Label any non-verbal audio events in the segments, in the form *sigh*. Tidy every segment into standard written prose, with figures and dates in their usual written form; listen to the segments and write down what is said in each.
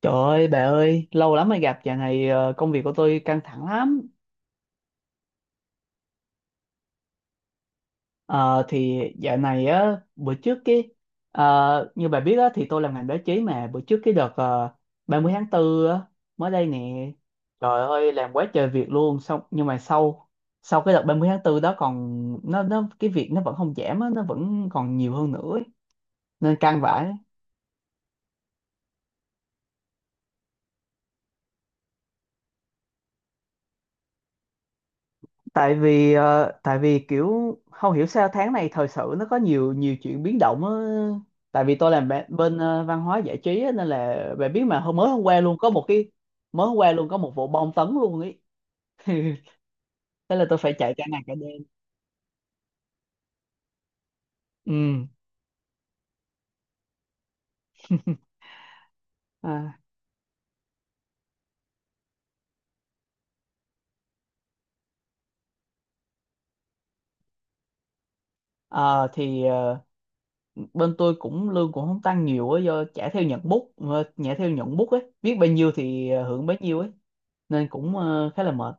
Trời ơi bà ơi, lâu lắm mới gặp, dạo này công việc của tôi căng thẳng lắm. Ờ, thì dạo này á, bữa trước như bà biết á, thì tôi làm ngành báo chí mà bữa trước cái đợt 30 tháng 4 á, mới đây nè. Trời ơi, làm quá trời việc luôn, xong nhưng mà sau sau cái đợt 30 tháng 4 đó còn nó cái việc nó vẫn không giảm á, nó vẫn còn nhiều hơn nữa ấy. Nên căng vãi. Tại vì kiểu không hiểu sao tháng này thời sự nó có nhiều nhiều chuyện biến động á. Tại vì tôi làm bên văn hóa giải trí á, nên là bạn biết mà hôm mới hôm qua luôn có một cái mới hôm qua luôn có một vụ bom tấn luôn ấy. *laughs* Thế là tôi phải chạy cả ngày cả đêm. Ừ. À, ờ, thì ờ, bên tôi cũng lương cũng không tăng nhiều á, do trả theo nhận bút ờ, trả theo nhận bút ấy, viết bao nhiêu thì hưởng bấy nhiêu ấy, nên cũng khá là mệt.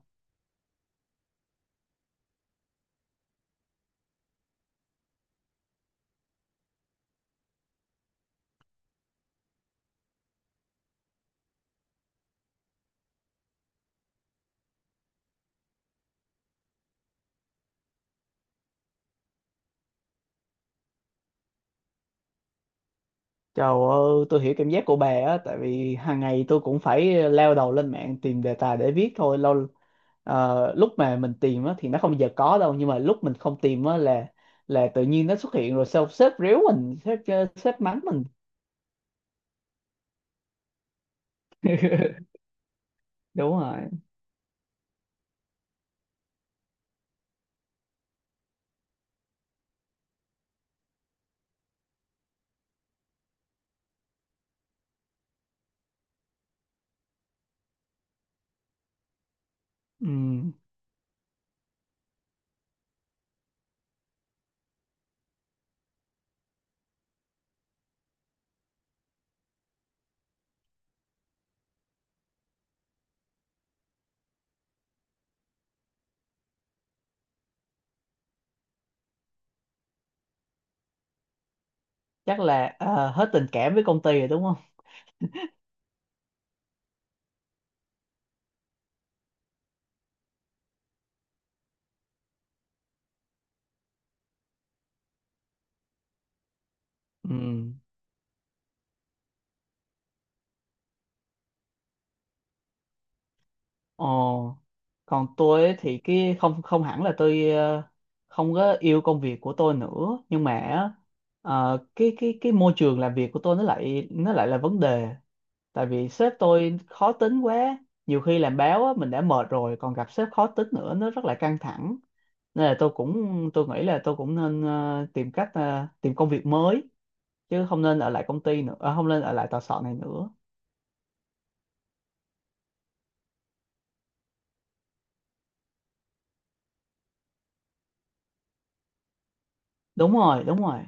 Trời ơi, tôi hiểu cảm giác của bà á, tại vì hàng ngày tôi cũng phải leo đầu lên mạng tìm đề tài để viết thôi. Lúc mà mình tìm á, thì nó không bao giờ có đâu, nhưng mà lúc mình không tìm á, là tự nhiên nó xuất hiện rồi sao sếp ríu mình, sếp mắng mình. *laughs* Đúng rồi. Ừm, chắc là hết tình cảm với công ty rồi đúng không? Ồ, còn tôi ấy thì cái không không hẳn là tôi không có yêu công việc của tôi nữa, nhưng mà á, cái môi trường làm việc của tôi nó lại là vấn đề. Tại vì sếp tôi khó tính quá, nhiều khi làm báo á, mình đã mệt rồi còn gặp sếp khó tính nữa, nó rất là căng thẳng. Nên là tôi nghĩ là tôi cũng nên tìm cách tìm công việc mới, chứ không nên ở lại công ty nữa, không nên ở lại tòa soạn này nữa. Đúng rồi, đúng rồi.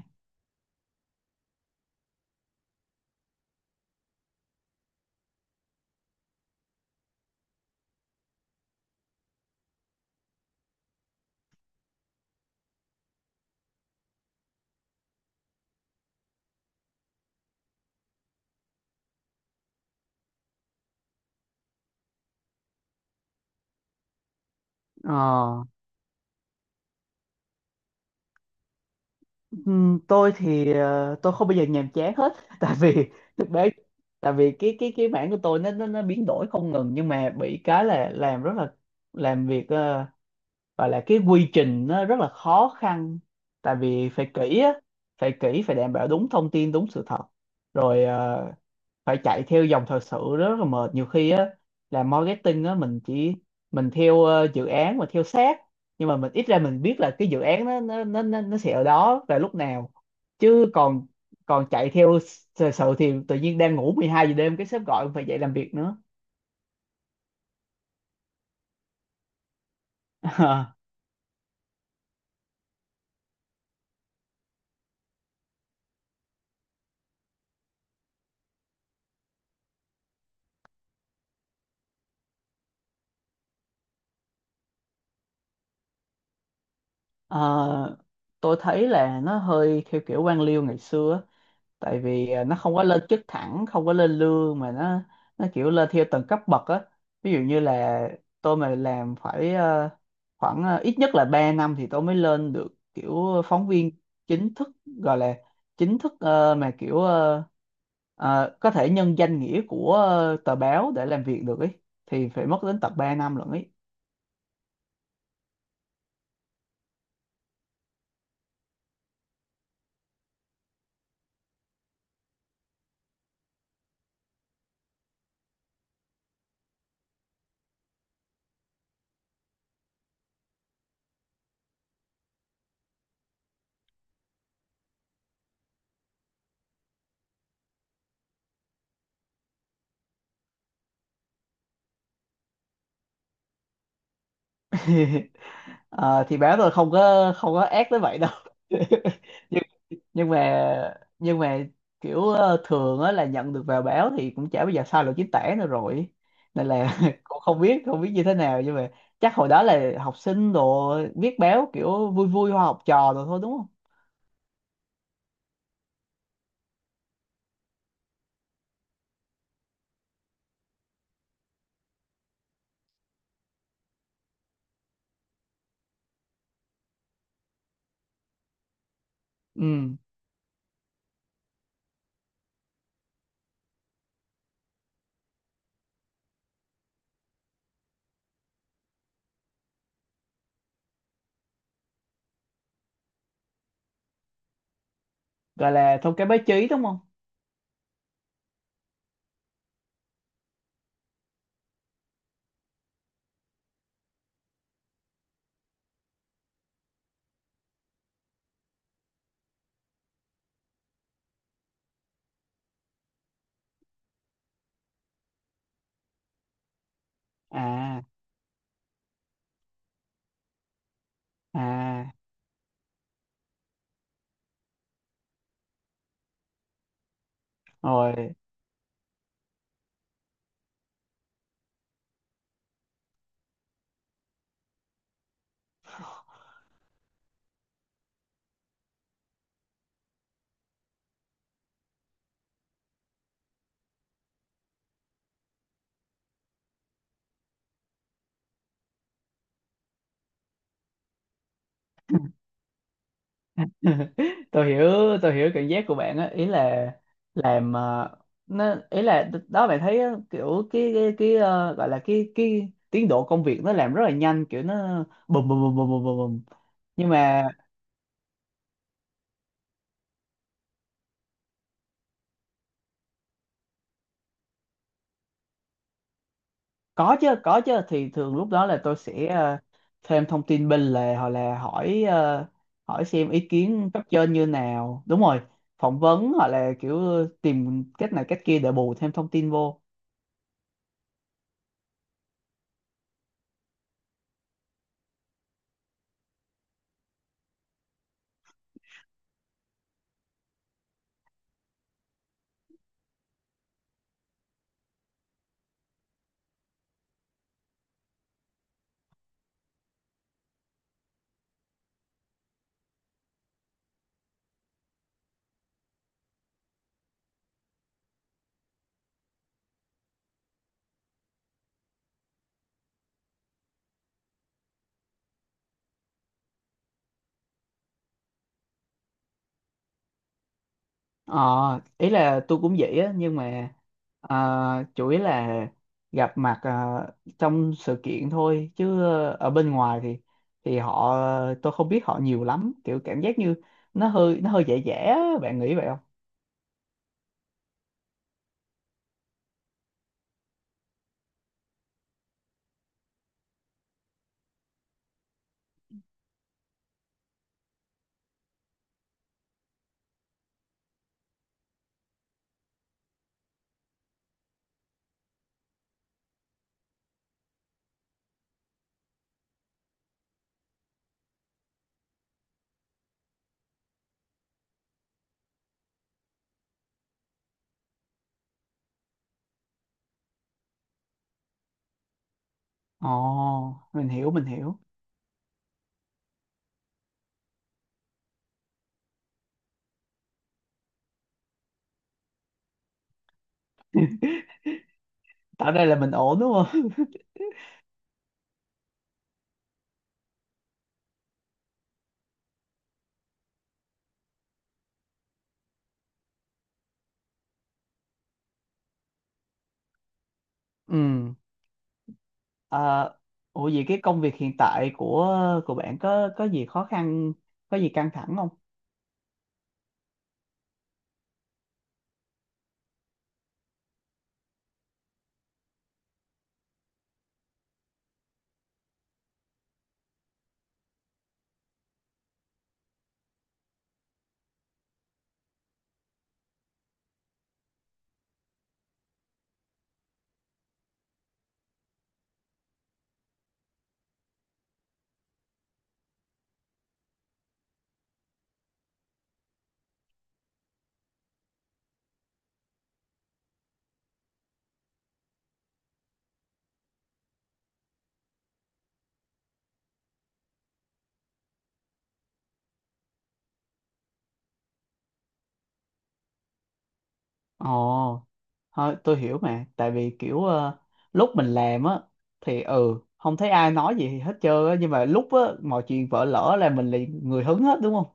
Ờ. Tôi thì tôi không bao giờ nhàm chán hết. *laughs* tại vì thực tế tại vì cái mảng của tôi nó biến đổi không ngừng, nhưng mà bị cái là làm rất là làm việc, gọi là cái quy trình nó rất là khó khăn. Tại vì phải kỹ, phải đảm bảo đúng thông tin, đúng sự thật. Rồi phải chạy theo dòng thời sự, rất là mệt nhiều khi á, là marketing á, mình chỉ mình theo dự án mà theo sát, nhưng mà mình ít ra mình biết là cái dự án nó sẽ ở đó và lúc nào, chứ còn còn chạy theo thời sự thì tự nhiên đang ngủ 12 giờ đêm cái sếp gọi phải dậy làm việc nữa. *laughs* Ờ, tôi thấy là nó hơi theo kiểu quan liêu ngày xưa á. Tại vì nó không có lên chức thẳng, không có lên lương mà nó kiểu lên theo từng cấp bậc á, ví dụ như là tôi mà làm phải khoảng ít nhất là 3 năm thì tôi mới lên được kiểu phóng viên chính thức, gọi là chính thức, mà kiểu có thể nhân danh nghĩa của tờ báo để làm việc được ấy, thì phải mất đến tận 3 năm lận ấy. *laughs* Ờ, thì báo tôi không có ác tới vậy đâu. *laughs* Nhưng nhưng mà kiểu thường á là nhận được vào báo thì cũng chả bao giờ sai lỗi chính tả nữa rồi, nên là *laughs* cũng không biết không biết như thế nào, nhưng mà chắc hồi đó là học sinh đồ, viết báo kiểu vui vui hoa học trò rồi thôi, đúng không? Ừ. Gọi là thông cái báo chí đúng không? À, à, rồi. *laughs* Tôi hiểu tôi hiểu cảm giác của bạn á, ý là làm, nó ý là đó bạn thấy á, kiểu gọi là cái tiến độ công việc nó làm rất là nhanh, kiểu nó bùm bùm bùm bùm bùm bùm bùm. Nhưng mà có chứ có chứ, thì thường lúc đó là tôi sẽ thêm thông tin bên lề, hoặc là hỏi xem ý kiến cấp trên như nào, đúng rồi. Phỏng vấn hoặc là kiểu tìm cách này cách kia để bù thêm thông tin vô. Ờ, ý là tôi cũng vậy á, nhưng mà ờ, chủ yếu là gặp mặt trong sự kiện thôi, chứ ở bên ngoài thì họ, tôi không biết họ nhiều lắm, kiểu cảm giác như nó hơi dễ dễ á, bạn nghĩ vậy không? Ồ, mình hiểu mình hiểu. Tạo ra là mình ổn đúng không? *laughs* Ừ. Ờ, ủa vậy cái công việc hiện tại của bạn có gì khó khăn, có gì căng thẳng không? Ồ. Thôi, tôi hiểu mà, tại vì kiểu lúc mình làm á thì ừ không thấy ai nói gì hết trơn á, nhưng mà lúc á mọi chuyện vỡ lỡ là mình liền người hứng hết đúng không?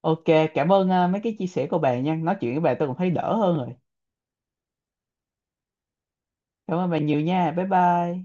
Ok, cảm ơn mấy cái chia sẻ của bà nha, nói chuyện với bà tôi cũng thấy đỡ hơn rồi. Cảm ơn bà nhiều nha, bye bye.